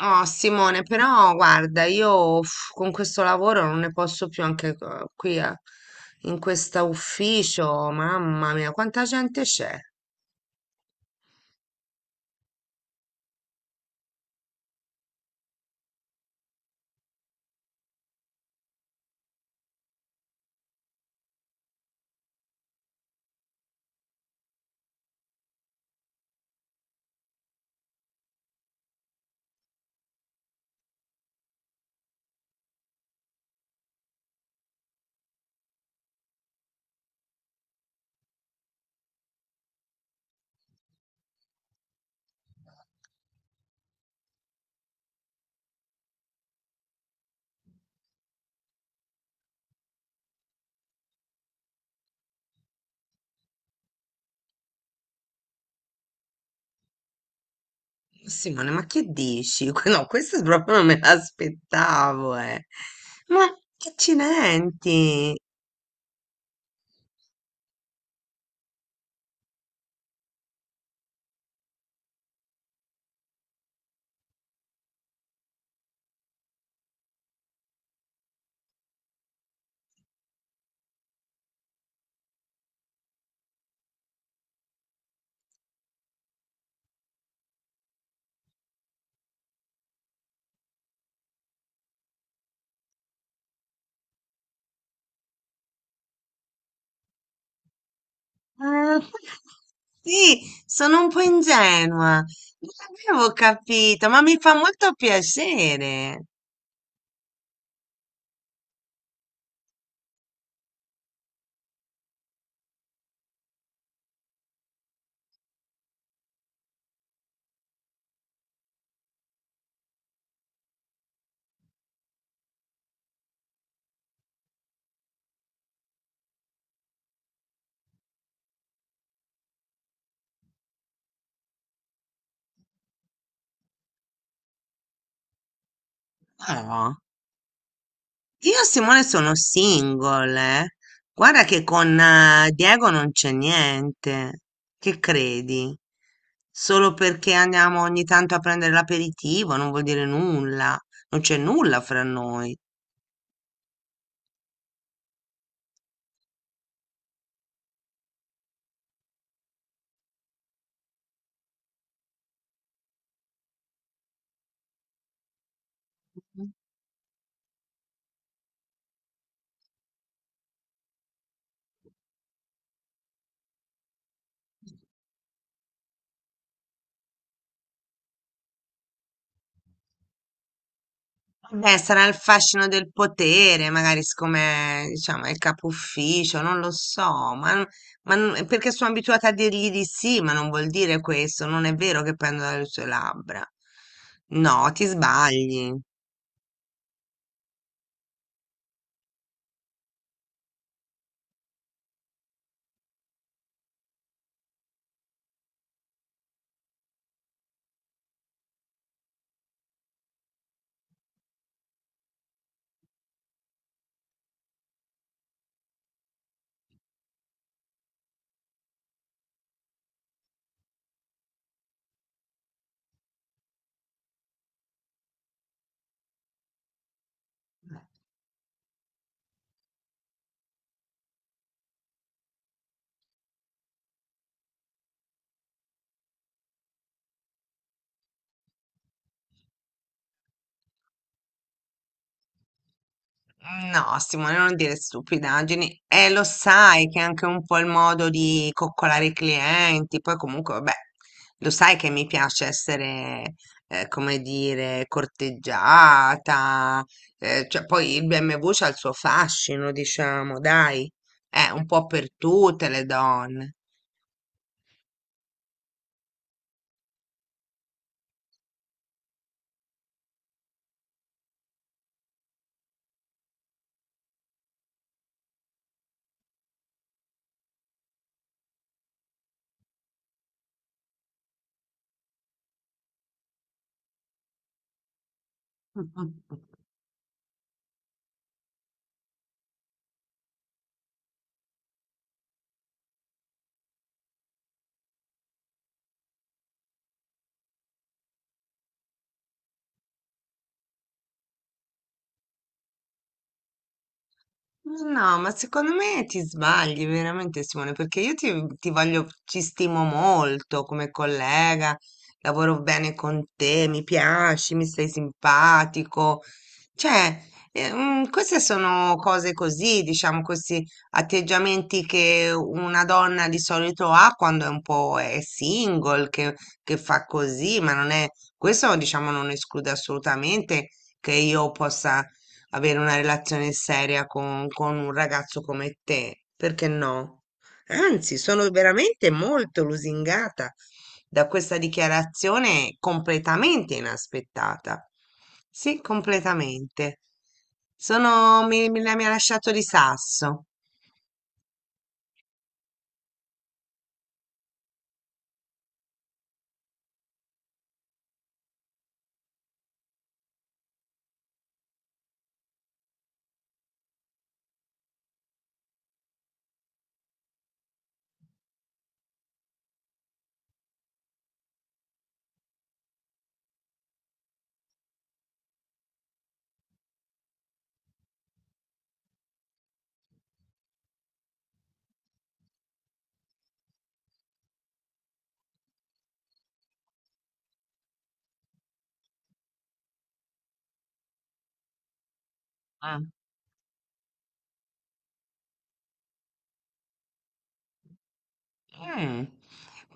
Oh Simone, però guarda, io uff, con questo lavoro non ne posso più anche qui a- in questo ufficio, mamma mia, quanta gente c'è. Simone, ma che dici? No, questo proprio non me l'aspettavo, eh. Ma accidenti. Sì, sono un po' ingenua. Non avevo capito, ma mi fa molto piacere. Ma no. Io e Simone sono single, eh. Guarda che con Diego non c'è niente. Che credi? Solo perché andiamo ogni tanto a prendere l'aperitivo, non vuol dire nulla. Non c'è nulla fra noi. Beh, sarà il fascino del potere, magari siccome, diciamo, è il capo ufficio, non lo so, ma, perché sono abituata a dirgli di sì, ma non vuol dire questo, non è vero che prendo dalle sue labbra. No, ti sbagli. No, Simone, non dire stupidaggini. E lo sai che è anche un po' il modo di coccolare i clienti. Poi comunque, vabbè, lo sai che mi piace essere, come dire, corteggiata. Cioè, poi il BMW c'ha il suo fascino, diciamo, dai. È un po' per tutte le donne. No, ma secondo me ti sbagli veramente, Simone, perché io ti voglio, ci stimo molto come collega, lavoro bene con te, mi piaci, mi sei simpatico, cioè, queste sono cose così, diciamo, questi atteggiamenti che una donna di solito ha quando è un po' è single, che fa così, ma non è, questo, diciamo, non esclude assolutamente che io possa avere una relazione seria con un ragazzo come te, perché no? Anzi, sono veramente molto lusingata da questa dichiarazione completamente inaspettata. Sì, completamente. Sono, mi, me la mi ha lasciato di sasso. Ah. Mm.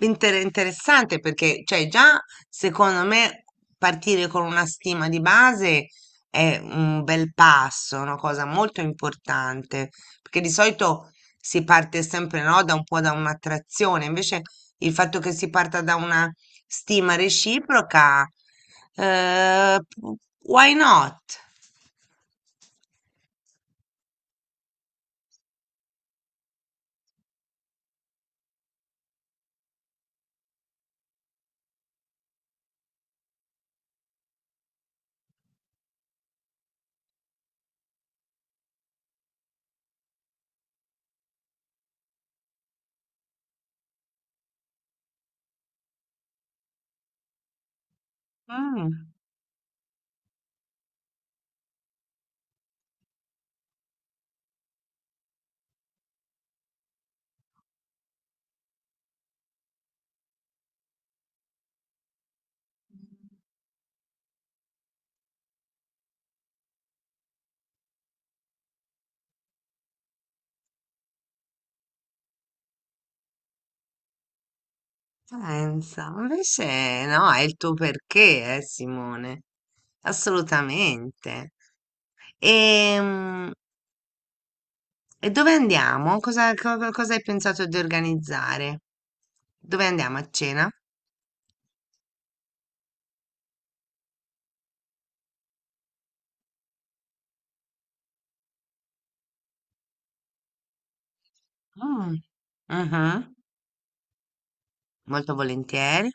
Interessante perché, cioè, già secondo me partire con una stima di base è un bel passo, una cosa molto importante, perché di solito si parte sempre, no, da un po' da un'attrazione, invece il fatto che si parta da una stima reciproca, eh, why not? Mm. Pensa, invece no, è il tuo perché, Simone, assolutamente. Ehm, E, dove andiamo? Cosa hai pensato di organizzare? Dove andiamo a cena? Mm, mhm, molto volentieri.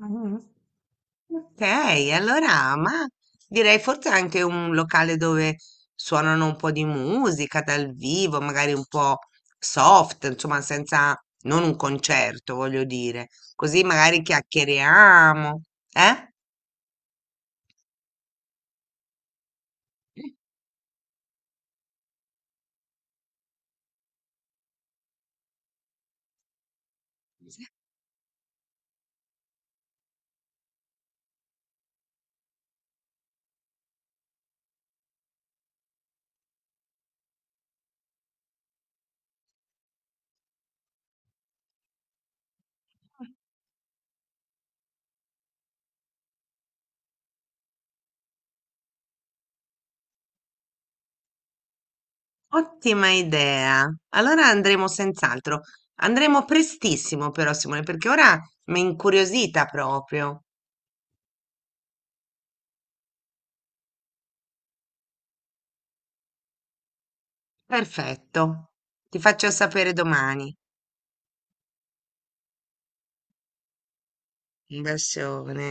Ah, ok, allora, ma direi forse anche un locale dove suonano un po' di musica dal vivo, magari un po' soft, insomma, senza, non un concerto, voglio dire. Così magari chiacchieriamo, eh? Ottima idea. Allora andremo senz'altro. Andremo prestissimo però, Simone, perché ora mi è incuriosita proprio. Perfetto. Ti faccio sapere domani. Un bacione.